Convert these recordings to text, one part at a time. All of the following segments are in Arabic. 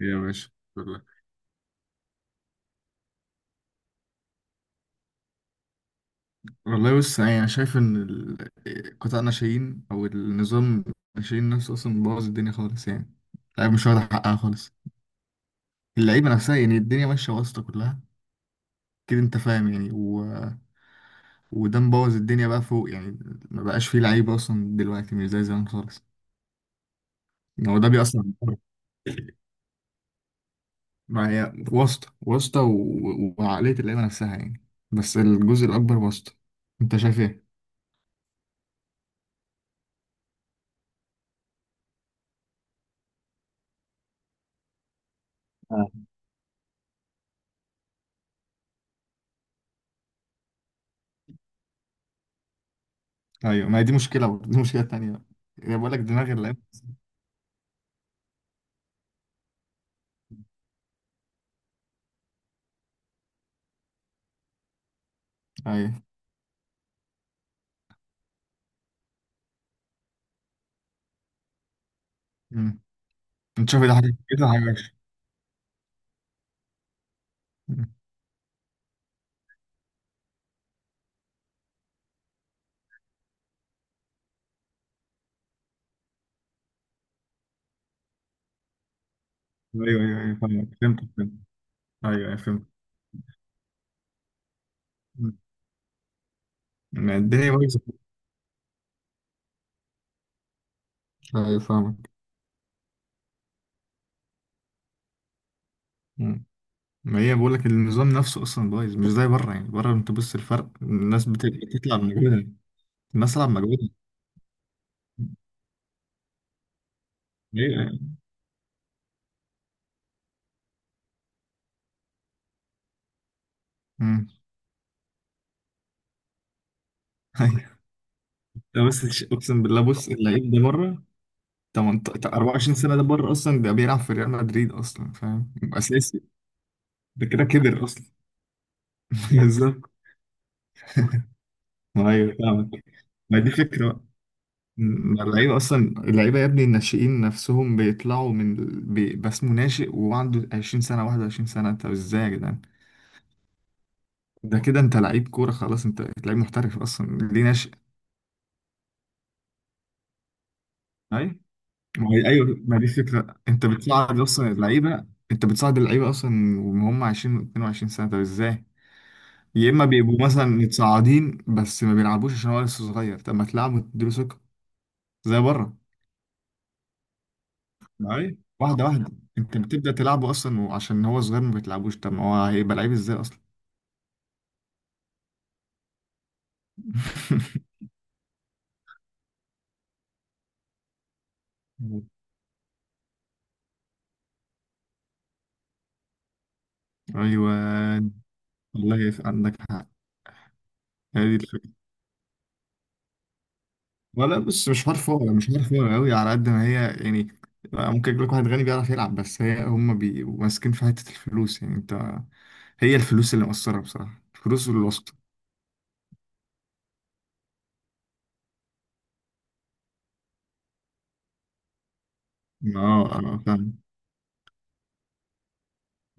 يا باشا. والله والله. بص، يعني انا شايف ان قطاع الناشئين او النظام الناشئين نفسه اصلا بوظ الدنيا خالص يعني. اللعيبه مش واخده حقها خالص. اللعيبه نفسها يعني الدنيا ماشيه واسطه كلها، كده انت فاهم يعني وده مبوظ الدنيا بقى فوق يعني. ما بقاش فيه لعيبه اصلا دلوقتي، مش زي زمان خالص. يعني هو ده بيأثر على الكورة. ما هي واسطه واسطه وعقليه اللعيبه نفسها يعني، بس الجزء الاكبر واسطه. انت شايف ايه؟ ايوه، ما هي دي مشكله. برضه دي مشكله تانية بقى، يعني بقول لك دماغ اللعيب. ايوه. امم. انت شايف إيه؟ ده حاجه كده، حاجه وحشه. أمم. ايوه ايوه ايوه، فاهمك، فهمت فهمت. ايوه ايوه فهمت. أمم. ما الدنيا بايظه. ايوه فاهمك. أمم. ما هي بقول لك النظام نفسه اصلا بايظ، مش زي بره. يعني بره انت بص، الفرق، الناس بتطلع بمجهودها. الناس تلعب بمجهودها. ايوه ايوه. أمم. أيوة. ده بس اقسم بالله، بص اللعيب ده بره 18 24 سنه. ده بره اصلا، ده بيلعب في ريال مدريد اصلا، فاهم، اساسي. ده كده كبر اصلا. بالظبط. ايوه فاهمك. ما دي فكرة بقى. ما اللعيبة أصلا، اللعيبة يا ابني، الناشئين نفسهم بيطلعوا بس اسمه ناشئ وعنده 20 سنة 21 سنة. أنت إزاي يا جدعان؟ ده كده أنت لعيب كورة خلاص، أنت لعيب محترف، أصلا ليه ناشئ؟ أيوة. ما هي أيوة، ما دي فكرة، أنت بتصعد أصلا اللعيبة. أنت بتصعد اللعيبة أصلا وهم 20 22 سنة، طب إزاي؟ يا إما بيبقوا مثلا متصاعدين بس ما بيلعبوش عشان هو لسه صغير. طب ما تلعبوا، تديله ثقة زي بره. معايا واحدة واحدة. انت بتبدأ تلعبه اصلا وعشان هو صغير ما بتلعبوش، طب ما هو هيبقى لعيب ازاي اصلا؟ ايوه. والله، عندك حق. هذه الفكرة. ولا بص، مش حوار فاضي، مش حوار فاضي قوي على قد ما هي يعني. ممكن يجيب لك واحد غني بيعرف يلعب، بس هي هم بيبقوا ماسكين في حتة الفلوس. يعني انت، هي الفلوس اللي مقصرة بصراحة، الفلوس والواسطة. اه اه.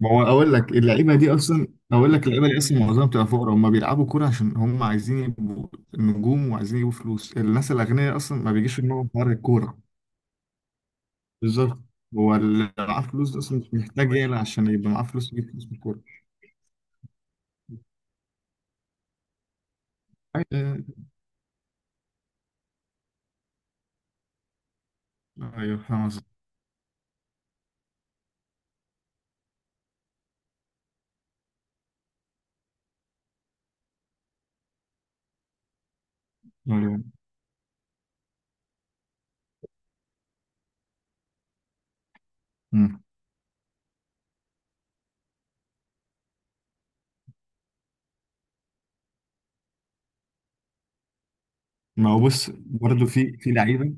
ما هو اقول لك، اللعيبه دي اصلا معظمها بتبقى فقراء. هم بيلعبوا كوره عشان هم عايزين يبقوا نجوم، وعايزين يجيبوا فلوس. الناس الاغنياء اصلا ما بيجيش في دماغهم حوار الكوره. بالظبط. هو اللي معاه فلوس ده اصلا مش محتاج يقلق عشان يبقى معاه فلوس، يجيب فلوس من الكوره. ايوه. أيوة، فاهم قصدك. أيوة. أمم. ما هو بص، برضه في لعيبه.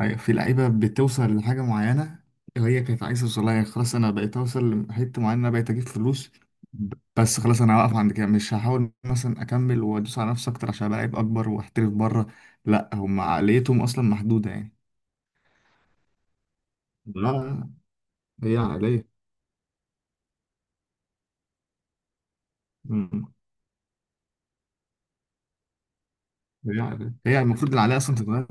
أيوة، في لعيبة بتوصل لحاجة معينة وهي كانت عايزة توصلها. يعني خلاص أنا بقيت أوصل لحتة معينة، أنا بقيت أجيب فلوس. بس خلاص، أنا هوقف عند كده، مش هحاول مثلا أكمل وأدوس على نفسي أكتر عشان أبقى لعيب أكبر وأحترف بره. لأ، هم عقليتهم أصلا محدودة يعني. لا لا، هي عقلية. مم. هي عقلية، هي المفروض العقلية أصلا تتغير.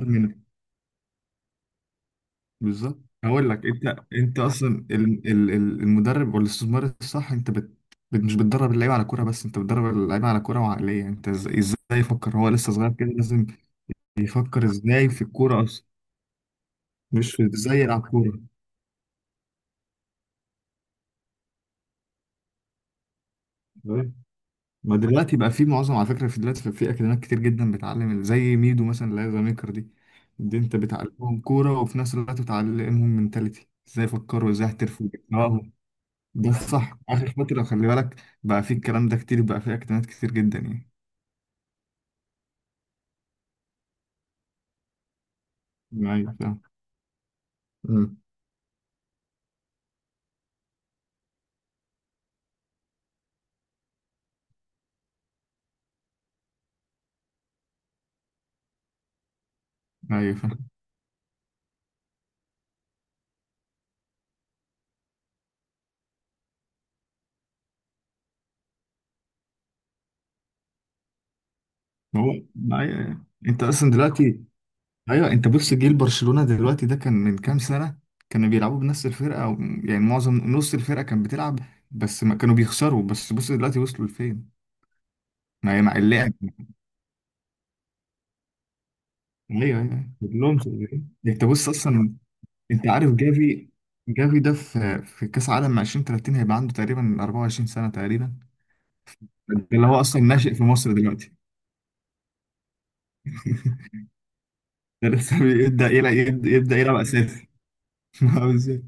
بالظبط. هقول لك، انت اصلا المدرب والاستثمار الصح. انت مش بتدرب اللعيبه على كوره بس، انت بتدرب اللعيبه على كوره وعقليه. انت ازاي يفكر هو لسه صغير كده؟ لازم يفكر ازاي في الكوره اصلا، مش في ازاي يلعب كوره. فاهم؟ ما دلوقتي بقى في معظم، على فكره، في دلوقتي في اكاديميات كتير جدا بتعلم، زي ميدو مثلا اللي هي زميكر دي. دي انت بتعلمهم كوره وفي نفس الوقت بتعلمهم منتاليتي، ازاي يفكروا، ازاي يحترفوا. دي صح. آخر فترة خلي بالك بقى في الكلام ده كتير، بقى في أكتئاب كتير جدا يعني. أيوة فاهم. امم. أيوة فاهم. ما هو ما أيوة. أنت أصلا دلوقتي. أيوة، أنت بص، جيل برشلونة دلوقتي ده كان من كام سنة. كانوا بيلعبوا بنفس الفرقة، أو يعني معظم نص الفرقة كانت بتلعب، بس ما كانوا بيخسروا. بس بص دلوقتي وصلوا لفين. ما هي مع اللعب. أيوة أيوة، كلهم صغيرين، أنت بص أصلا. أنت عارف جافي. جافي ده في كأس عالم 2030 هيبقى عنده تقريبا 24 سنة تقريبا. ده اللي هو اصلا ناشئ في مصر دلوقتي. ده لسه بيبدا يلعب يبدا يبدأ يلعب اساسي. ما هو بالظبط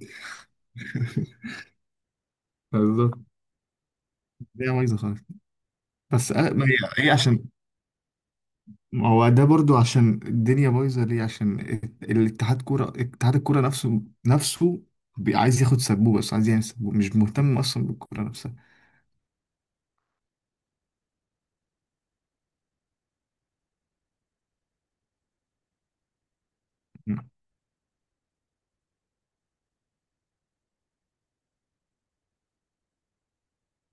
بالظبط. الدنيا بايظه خالص. بس ما هي عشان، ما هو ده برضو عشان الدنيا بايظه ليه، عشان الات- الاتحاد كوره اتحاد الكوره نفسه عايز ياخد سبوبه، بس عايز يعمل سبوبه، مش مهتم اصلا بالكوره نفسها. م.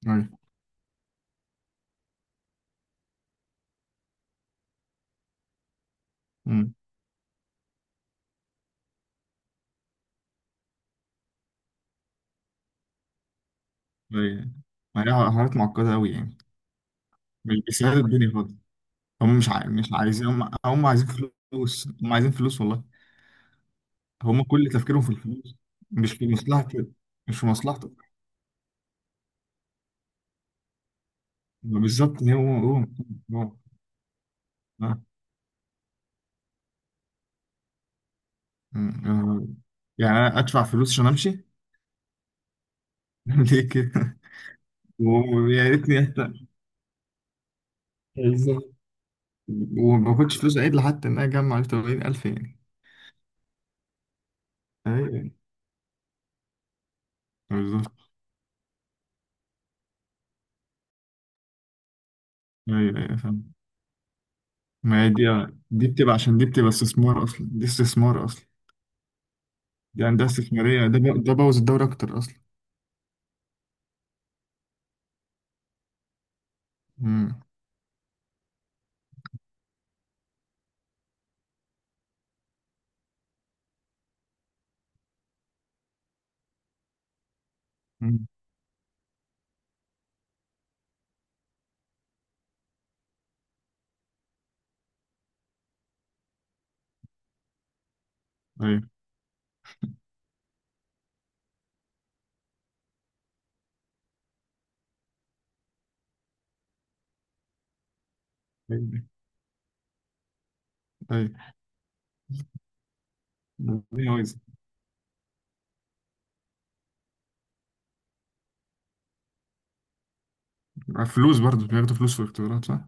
ايوه. م. ايوه. ما هي حاجات معقده قوي يعني، مش بيساعد الدنيا خالص. هم مش عايزين، هم عايزين فلوس. هم عايزين فلوس والله. هم كل تفكيرهم في الفلوس. مش في مصلحتك، مش في مصلحتك. بالظبط. هو. آه. آه. يعني أنا ادفع فلوس عشان امشي. ليه كده؟ ويا ريتني. بالظبط. وما باخدش فلوس عدل، حتى ان انا اجمع 80,000 يعني. ايوه. بالظبط. ايوه ايوه فاهم. ما هي دي بتبقى، عشان دي بتبقى استثمار اصلا، دي استثمار اصلا. دي عندها استثماريه. ده بوظ الدوري اكتر اصلا. امم. أمم. ايوه ايوه ايوه. فلوس، برضه بياخدوا فلوس في الاختبارات، صح؟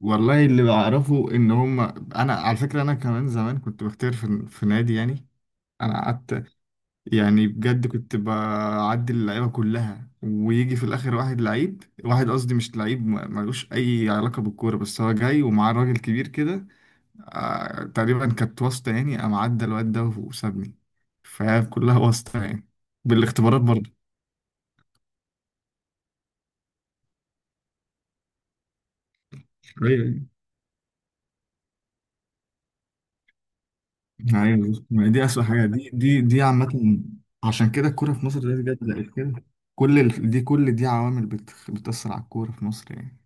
والله اللي بعرفه ان هم، انا على فكره انا كمان زمان كنت بختار في نادي يعني. انا قعدت، يعني بجد كنت بعدي اللعيبه كلها، ويجي في الاخر واحد لعيب. واحد قصدي مش لعيب، ملوش اي علاقه بالكوره، بس هو جاي ومعاه راجل كبير كده. آه، تقريبا كانت واسطه يعني. قام عدى الواد ده وسابني. فكلها واسطه يعني، بالاختبارات برضه. أيوة. ايوه، ما هي دي اسوء حاجه. دي دي دي عامه، عشان كده الكوره في مصر دلوقتي بجد بقت كده. دي كل دي عوامل بتأثر على الكوره في مصر يعني.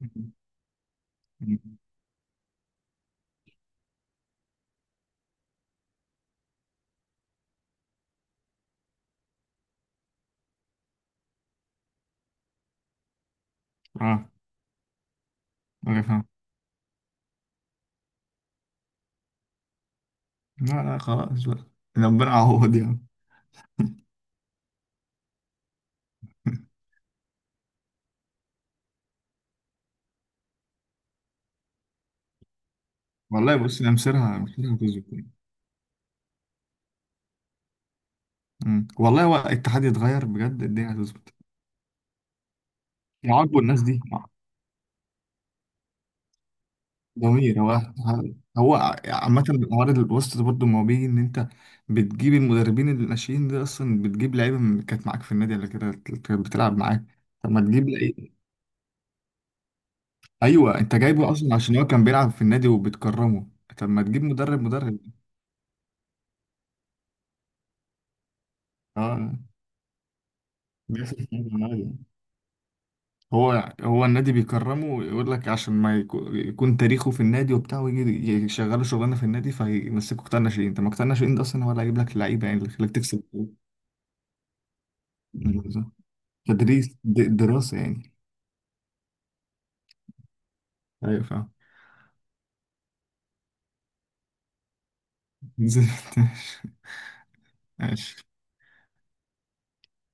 اه. أوكي، فاهم. لا لا خلاص بقى، ربنا يعوض يعني. والله بص، انا مصيرها هتظبط يعني. أمم. والله هو الاتحاد يتغير بجد، الدنيا هتظبط، يعاقبوا الناس دي. جميل. هو عامة، عوارض البوست ده برضه، ما هو بيجي ان انت بتجيب المدربين. الناشئين دي اصلا بتجيب لعيبه كانت معاك في النادي قبل كده، كانت بتلعب معاك. طب ما تجيب لعيبه. ايوه، انت جايبه اصلا عشان هو كان بيلعب في النادي وبتكرمه. طب ما تجيب مدرب مدرب. اه، بيحصل في النادي عادي. هو النادي بيكرمه، ويقول لك عشان ما يكون تاريخه في النادي وبتاع، ويجي يشغله شغلانه في النادي، فيمسكه قطاع ناشئين. انت ما قطاع ناشئين ده اصلا هو اللي هيجيب لك اللعيبه يعني، اللي يخليك تكسب. تدريس، دراسة يعني. أيوة فاهم. نزلت. ماشي.